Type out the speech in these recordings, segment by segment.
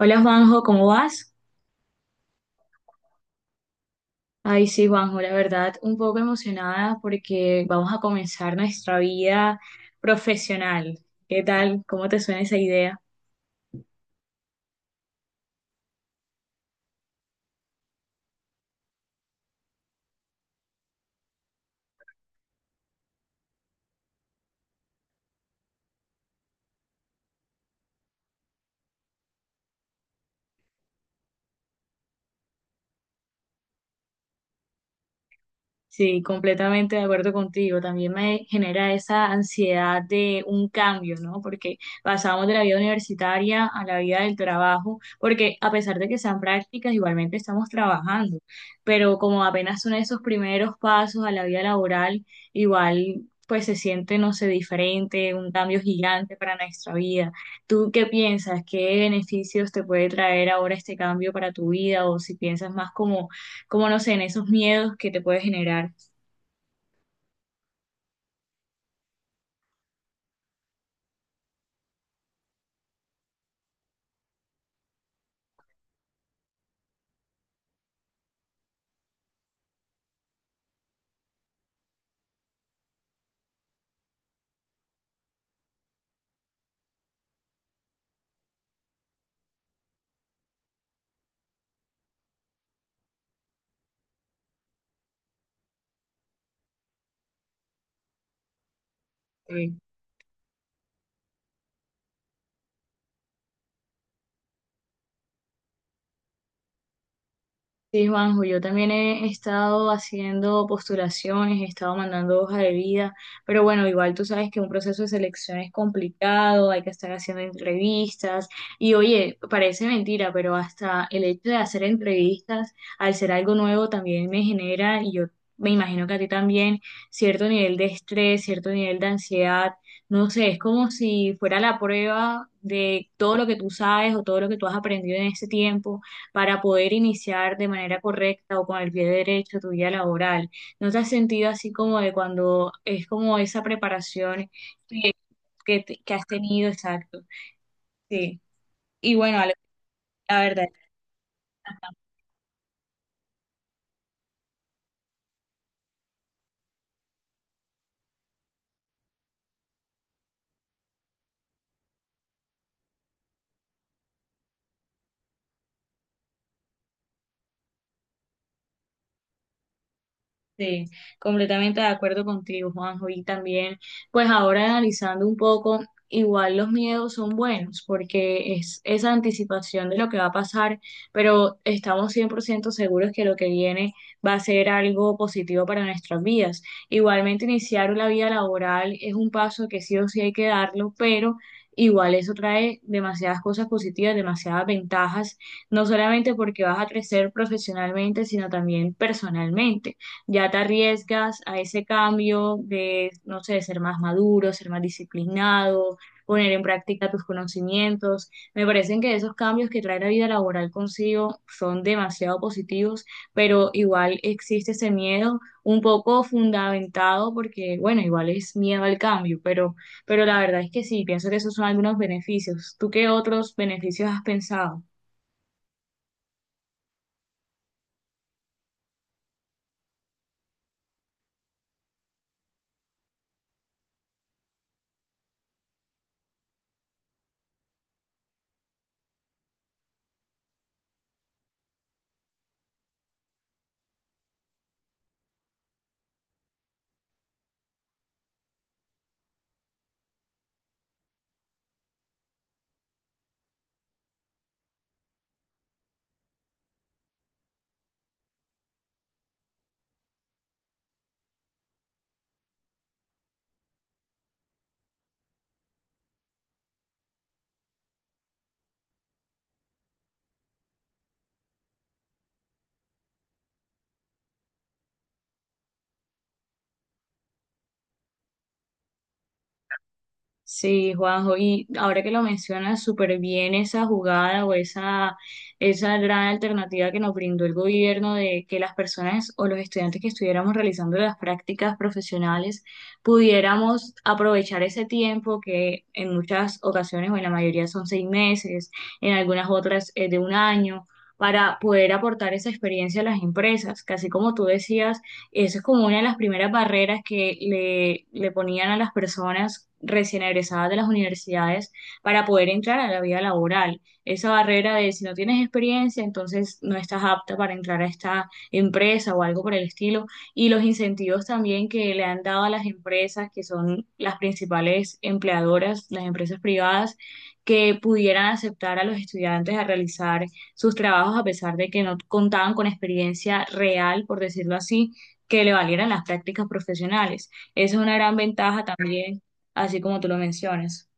Hola Juanjo, ¿cómo vas? Ay, sí, Juanjo, la verdad, un poco emocionada porque vamos a comenzar nuestra vida profesional. ¿Qué tal? ¿Cómo te suena esa idea? Sí, completamente de acuerdo contigo. También me genera esa ansiedad de un cambio, ¿no? Porque pasamos de la vida universitaria a la vida del trabajo, porque a pesar de que sean prácticas, igualmente estamos trabajando, pero como apenas son esos primeros pasos a la vida laboral, igual pues se siente, no sé, diferente, un cambio gigante para nuestra vida. ¿Tú qué piensas? ¿Qué beneficios te puede traer ahora este cambio para tu vida? O si piensas más como, como no sé, en esos miedos que te puede generar. Sí, sí, Juanjo, yo también he estado haciendo postulaciones, he estado mandando hoja de vida, pero bueno, igual tú sabes que un proceso de selección es complicado, hay que estar haciendo entrevistas y oye, parece mentira, pero hasta el hecho de hacer entrevistas, al ser algo nuevo, también me genera, y yo me imagino que a ti también, cierto nivel de estrés, cierto nivel de ansiedad, no sé, es como si fuera la prueba de todo lo que tú sabes o todo lo que tú has aprendido en ese tiempo para poder iniciar de manera correcta o con el pie derecho tu vida laboral. ¿No te has sentido así como de cuando es como esa preparación que, que has tenido? Exacto. Sí. Y bueno, Ale, la verdad. Sí, completamente de acuerdo contigo, Juanjo. Y también, pues ahora analizando un poco, igual los miedos son buenos porque es esa anticipación de lo que va a pasar, pero estamos 100% seguros que lo que viene va a ser algo positivo para nuestras vidas. Igualmente, iniciar la vida laboral es un paso que sí o sí hay que darlo, pero... Igual eso trae demasiadas cosas positivas, demasiadas ventajas, no solamente porque vas a crecer profesionalmente, sino también personalmente ya te arriesgas a ese cambio de, no sé, de ser más maduro, ser más disciplinado, poner en práctica tus conocimientos. Me parecen que esos cambios que trae la vida laboral consigo son demasiado positivos, pero igual existe ese miedo un poco fundamentado porque, bueno, igual es miedo al cambio, pero la verdad es que sí, pienso que esos son algunos beneficios. ¿Tú qué otros beneficios has pensado? Sí, Juanjo, y ahora que lo mencionas súper bien esa jugada o esa gran alternativa que nos brindó el gobierno de que las personas o los estudiantes que estuviéramos realizando las prácticas profesionales pudiéramos aprovechar ese tiempo que en muchas ocasiones o en la mayoría son seis meses, en algunas otras es de un año, para poder aportar esa experiencia a las empresas, casi como tú decías eso es como una de las primeras barreras que le ponían a las personas recién egresadas de las universidades para poder entrar a la vida laboral. Esa barrera de si no tienes experiencia, entonces no estás apta para entrar a esta empresa o algo por el estilo. Y los incentivos también que le han dado a las empresas, que son las principales empleadoras, las empresas privadas, que pudieran aceptar a los estudiantes a realizar sus trabajos a pesar de que no contaban con experiencia real, por decirlo así que le valieran las prácticas profesionales. Esa es una gran ventaja también, así como tú lo mencionas.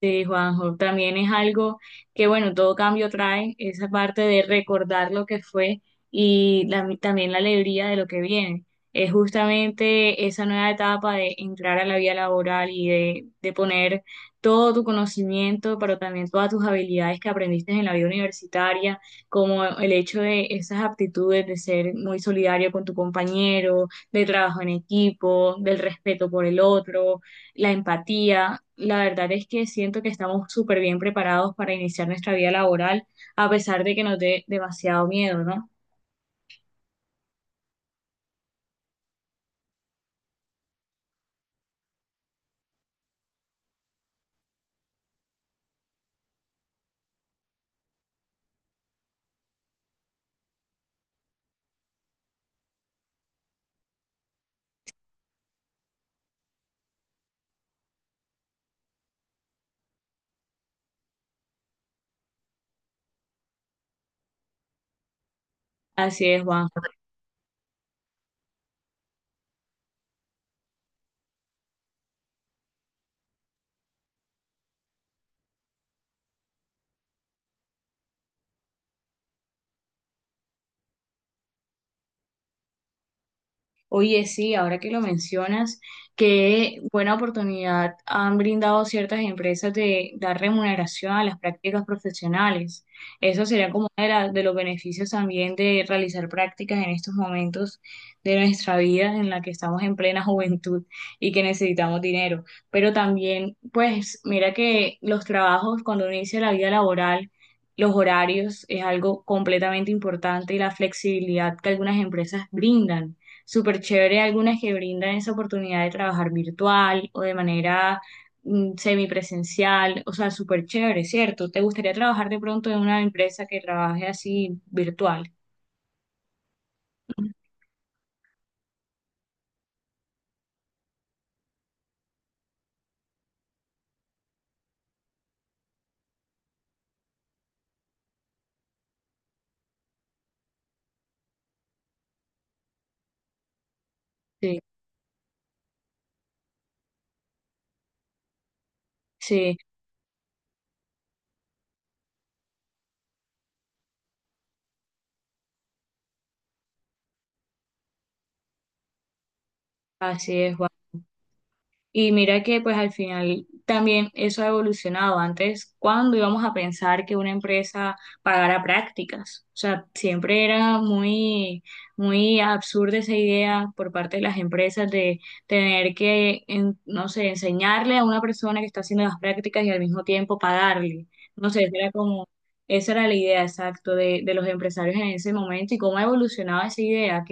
Sí, Juanjo, también es algo que, bueno, todo cambio trae esa parte de recordar lo que fue y también la alegría de lo que viene. Es justamente esa nueva etapa de entrar a la vida laboral y de poner todo tu conocimiento, pero también todas tus habilidades que aprendiste en la vida universitaria, como el hecho de esas aptitudes de ser muy solidario con tu compañero, de trabajo en equipo, del respeto por el otro, la empatía. La verdad es que siento que estamos súper bien preparados para iniciar nuestra vida laboral, a pesar de que nos dé demasiado miedo, ¿no? Así es, Juan. Oye, sí, ahora que lo mencionas, qué buena oportunidad han brindado ciertas empresas de dar remuneración a las prácticas profesionales. Eso sería como uno de, de los beneficios también de realizar prácticas en estos momentos de nuestra vida en la que estamos en plena juventud y que necesitamos dinero. Pero también, pues, mira que los trabajos, cuando uno inicia la vida laboral, los horarios es algo completamente importante y la flexibilidad que algunas empresas brindan, súper chévere algunas que brindan esa oportunidad de trabajar virtual o de manera semipresencial, o sea, súper chévere, ¿cierto? ¿Te gustaría trabajar de pronto en una empresa que trabaje así virtual? Sí, sí, así es. Y mira que pues al final también eso ha evolucionado. Antes, ¿cuándo íbamos a pensar que una empresa pagara prácticas? O sea, siempre era muy, muy absurda esa idea por parte de las empresas de tener que, no sé, enseñarle a una persona que está haciendo las prácticas y al mismo tiempo pagarle. No sé, era como, esa era la idea exacta de los empresarios en ese momento y cómo ha evolucionado esa idea.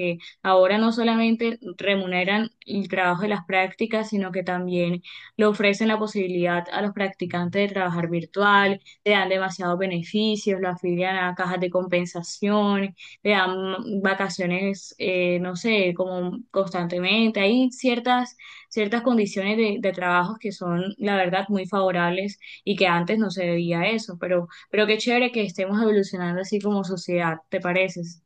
Ahora no solamente remuneran el trabajo de las prácticas, sino que también le ofrecen la posibilidad a los practicantes de trabajar virtual, le dan demasiados beneficios, lo afilian a cajas de compensación, le dan vacaciones, no sé, como constantemente. Hay ciertas condiciones de trabajo que son, la verdad, muy favorables y que antes no se veía eso, pero qué chévere que estemos evolucionando así como sociedad, ¿te pareces?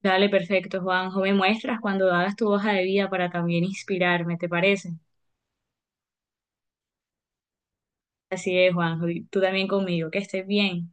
Dale, perfecto, Juanjo. Me muestras cuando hagas tu hoja de vida para también inspirarme, ¿te parece? Así es, Juanjo. Y tú también conmigo. Que estés bien.